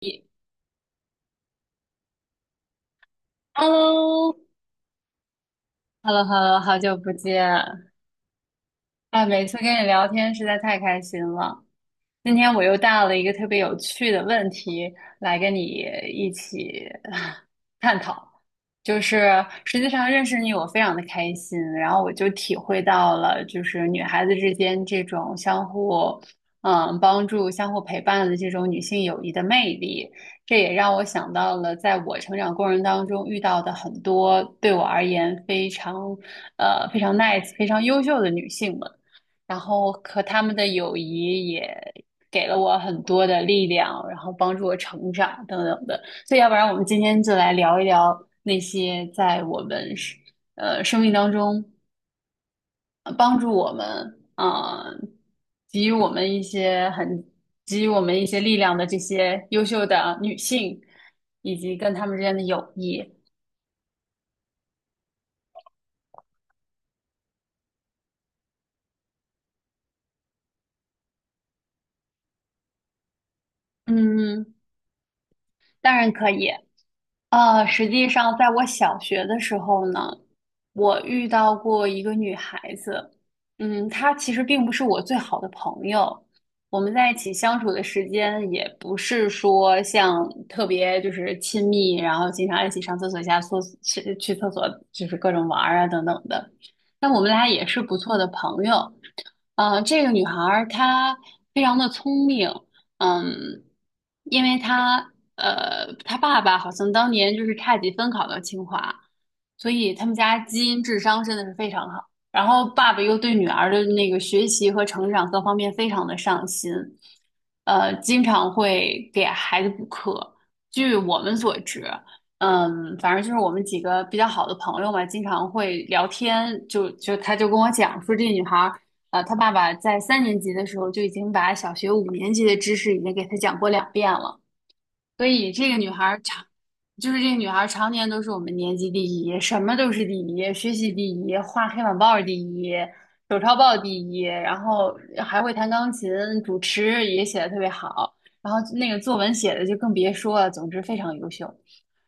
一 Hello,Hello,Hello,好久不见！哎，每次跟你聊天实在太开心了。今天我又带了一个特别有趣的问题来跟你一起啊 探讨，就是实际上认识你我非常的开心，然后我就体会到了就是女孩子之间这种相互帮助、相互陪伴的这种女性友谊的魅力，这也让我想到了在我成长过程当中遇到的很多对我而言非常非常 nice、非常优秀的女性们。然后和他们的友谊也给了我很多的力量，然后帮助我成长等等的。所以，要不然我们今天就来聊一聊那些在我们是生命当中帮助我们，给予我们一些很给予我们一些力量的这些优秀的女性，以及跟她们之间的友谊。嗯，当然可以。实际上，在我小学的时候呢，我遇到过一个女孩子，嗯，她其实并不是我最好的朋友，我们在一起相处的时间也不是说像特别就是亲密，然后经常一起上厕所、下厕所、去厕所，就是各种玩儿啊等等的。但我们俩也是不错的朋友。这个女孩儿她非常的聪明，嗯，因为他他爸爸好像当年就是差几分考到清华，所以他们家基因智商真的是非常好。然后爸爸又对女儿的那个学习和成长各方面非常的上心，经常会给孩子补课。据我们所知，嗯，反正就是我们几个比较好的朋友嘛，经常会聊天，他就跟我讲说，这女孩。他爸爸在3年级的时候就已经把小学5年级的知识已经给他讲过2遍了。所以这个女孩儿常，就是这个女孩儿常年都是我们年级第一，什么都是第一，学习第一，画黑板报儿第一，手抄报第一，然后还会弹钢琴，主持也写的特别好，然后那个作文写的就更别说了，总之非常优秀。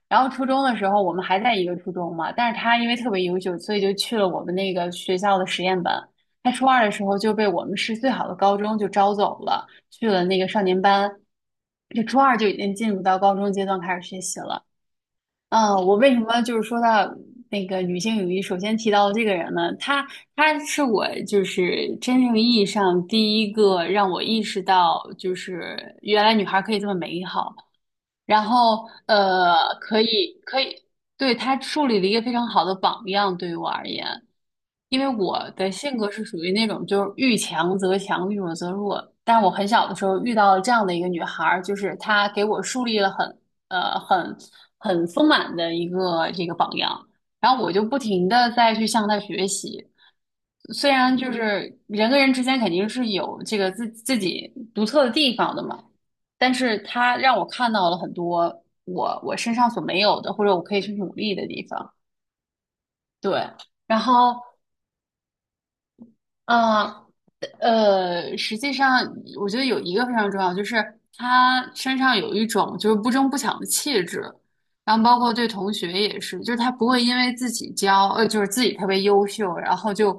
然后初中的时候，我们还在一个初中嘛，但是她因为特别优秀，所以就去了我们那个学校的实验班。她初二的时候就被我们市最好的高中就招走了。去了那个少年班，就初二就已经进入到高中阶段开始学习了。嗯，我为什么就是说到那个女性友谊，首先提到这个人呢？她是我就是真正意义上第一个让我意识到，就是原来女孩可以这么美好，然后可以可以，对，她树立了一个非常好的榜样，对于我而言。因为我的性格是属于那种就是遇强则强，遇弱则弱。但我很小的时候遇到了这样的一个女孩儿，就是她给我树立了很呃很很丰满的一个这个榜样，然后我就不停的再去向她学习。虽然就是人跟人之间肯定是有这个自己独特的地方的嘛，但是她让我看到了很多我身上所没有的，或者我可以去努力的地方。对，然后。嗯，实际上我觉得有一个非常重要，就是他身上有一种就是不争不抢的气质，然后包括对同学也是，就是他不会因为自己骄，呃，就是自己特别优秀，然后就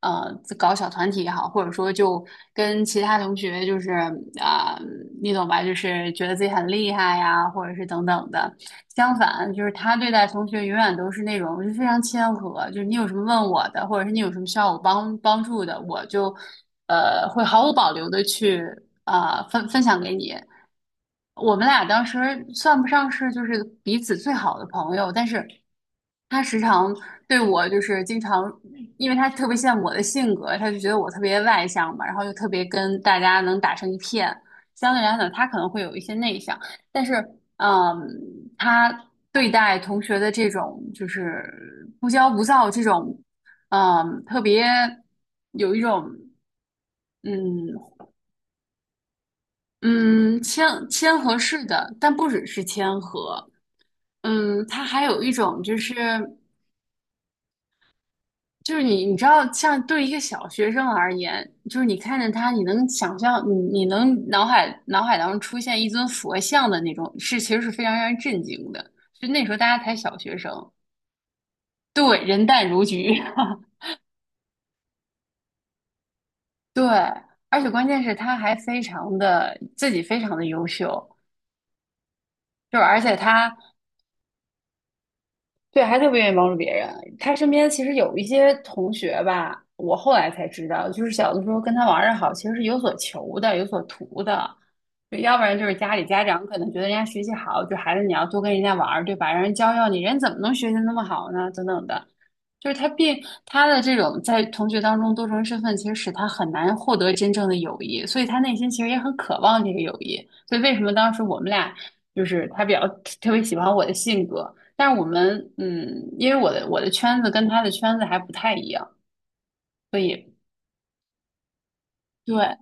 呃搞小团体也好，或者说就跟其他同学就是啊、你懂吧，就是觉得自己很厉害呀，或者是等等的。相反，就是他对待同学永远都是那种就非常谦和，就是你有什么问我的，或者是你有什么需要我帮助的，我就会毫无保留的去分享给你。我们俩当时算不上是就是彼此最好的朋友，但是他时常对我就是经常，因为他特别羡慕我的性格，他就觉得我特别外向嘛，然后就特别跟大家能打成一片。相对来讲，他可能会有一些内向，但是嗯，他对待同学的这种就是不骄不躁这种，嗯，特别有一种嗯。嗯，谦和式的，但不只是谦和，嗯，他还有一种就是就是你知道，像对一个小学生而言，就是你看见他，你能想象，你能脑海当中出现一尊佛像的那种，是其实是非常让人震惊的。就那时候大家才小学生，对，人淡如菊，对，而且关键是他还非常的自己非常的优秀，就是而且他对，还特别愿意帮助别人。他身边其实有一些同学吧，我后来才知道，就是小的时候跟他玩的好，其实是有所求的，有所图的。就要不然就是家里家长可能觉得人家学习好，就孩子你要多跟人家玩儿，对吧？让人教教你，人怎么能学习那么好呢？等等的，就是他并他的这种在同学当中多重身份，其实使他很难获得真正的友谊，所以他内心其实也很渴望这个友谊。所以为什么当时我们俩就是他比较特别喜欢我的性格，但是我们，嗯，因为我的圈子跟他的圈子还不太一样，所以对，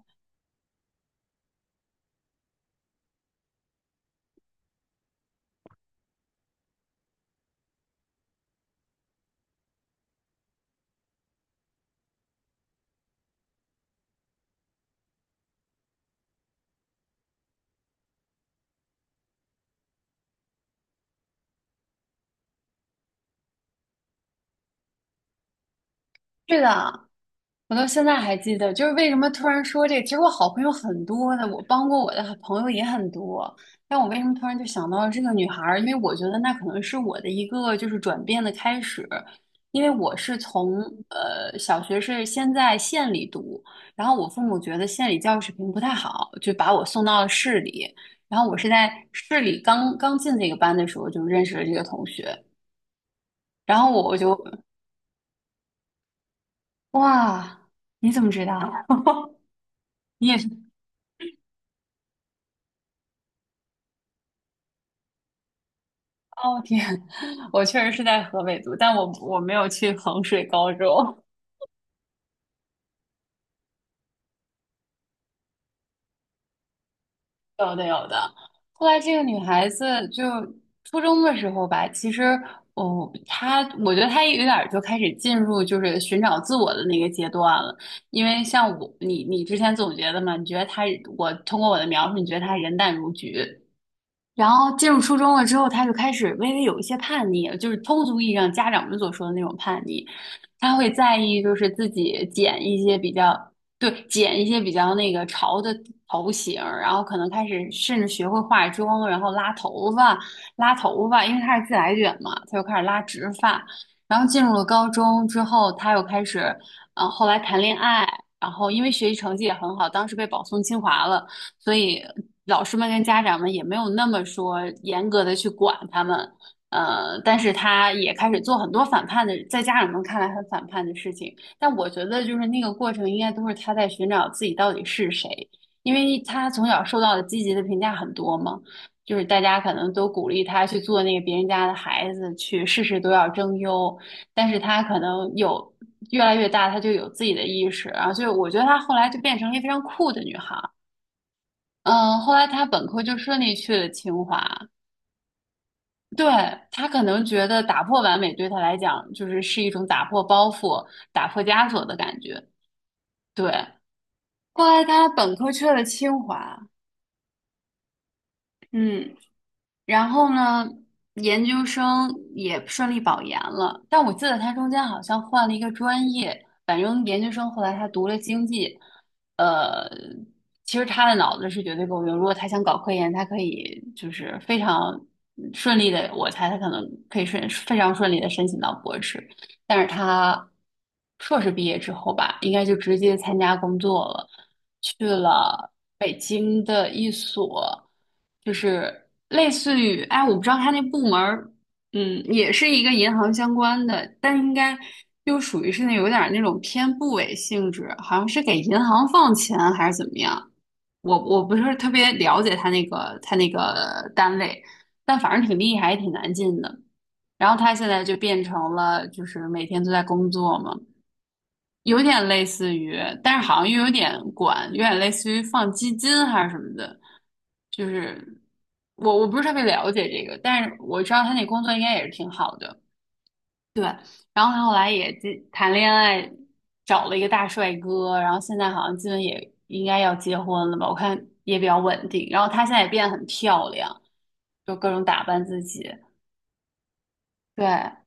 是的，我到现在还记得，就是为什么突然说这个？其实我好朋友很多的，我帮过我的朋友也很多，但我为什么突然就想到了这个女孩儿？因为我觉得那可能是我的一个就是转变的开始，因为我是从小学是先在县里读，然后我父母觉得县里教育水平不太好，就把我送到了市里，然后我是在市里刚刚进这个班的时候就认识了这个同学，然后我我就哇，你怎么知道？你也是。哦天，我确实是在河北读，但我没有去衡水高中。有的有的。后来这个女孩子就初中的时候吧，其实哦，她我觉得她有点儿就开始进入就是寻找自我的那个阶段了。因为像我，你之前总结的嘛，你觉得她我通过我的描述，你觉得她人淡如菊，然后进入初中了之后，他就开始微微有一些叛逆，就是通俗意义上家长们所说的那种叛逆。他会在意，就是自己剪一些比较，对，剪一些比较那个潮的头型然后可能开始甚至学会化妆，然后拉头发，拉头发，因为他是自来卷嘛，他就开始拉直发。然后进入了高中之后，他又开始，后来谈恋爱，然后因为学习成绩也很好，当时被保送清华了。所以老师们跟家长们也没有那么说严格的去管他们，但是他也开始做很多反叛的，在家长们看来很反叛的事情，但我觉得就是那个过程应该都是他在寻找自己到底是谁，因为他从小受到的积极的评价很多嘛。就是大家可能都鼓励他去做那个别人家的孩子，去事事都要争优，但是他可能有越来越大，他就有自己的意识啊，所以我觉得他后来就变成了一个非常酷的女孩。嗯，后来他本科就顺利去了清华。对，他可能觉得打破完美对他来讲，就是是一种打破包袱、打破枷锁的感觉。对，后来他本科去了清华。嗯。然后呢，研究生也顺利保研了，但我记得他中间好像换了一个专业，反正研究生后来他读了经济，呃，其实他的脑子是绝对够用，如果他想搞科研，他可以就是非常顺利的，我猜他可能可以顺非常顺利的申请到博士。但是他硕士毕业之后吧，应该就直接参加工作了，去了北京的一所，就是类似于，哎，我不知道他那部门儿，嗯，也是一个银行相关的，但应该又属于是那有点儿那种偏部委性质，好像是给银行放钱还是怎么样，我不是特别了解他那个他那个单位，但反正挺厉害，也挺难进的。然后他现在就变成了就是每天都在工作嘛，有点类似于，但是好像又有点管，有点类似于放基金还是什么的，就是我不是特别了解这个，但是我知道他那工作应该也是挺好的，对。然后他后来也进谈恋爱，找了一个大帅哥，然后现在好像基本也应该要结婚了吧，我看也比较稳定。然后她现在也变得很漂亮，就各种打扮自己，对。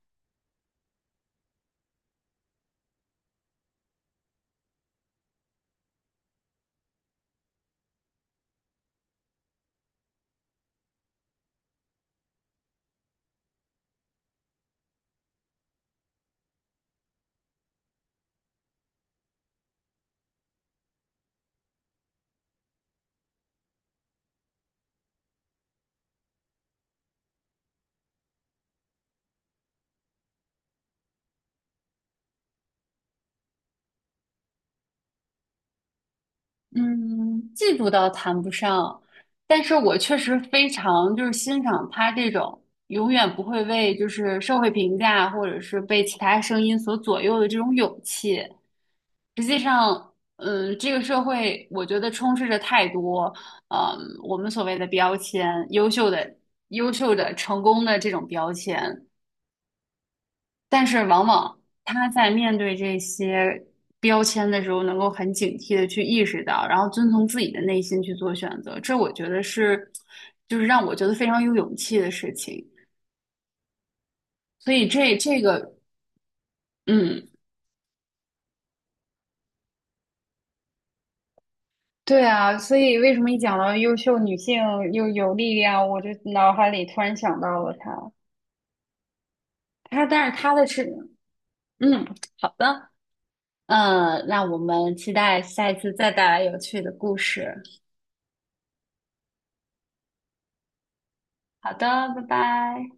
嗯，嫉妒倒谈不上，但是我确实非常就是欣赏他这种永远不会为就是社会评价或者是被其他声音所左右的这种勇气。实际上，嗯，这个社会我觉得充斥着太多，嗯，我们所谓的标签，优秀的、优秀的、成功的这种标签。但是往往他在面对这些标签的时候，能够很警惕的去意识到，然后遵从自己的内心去做选择，这我觉得是，就是让我觉得非常有勇气的事情。所以这个，嗯，对啊，所以为什么一讲到优秀女性又有力量，我就脑海里突然想到了她，她，但是她的是，嗯，好的，嗯，那我们期待下一次再带来有趣的故事。好的，拜拜。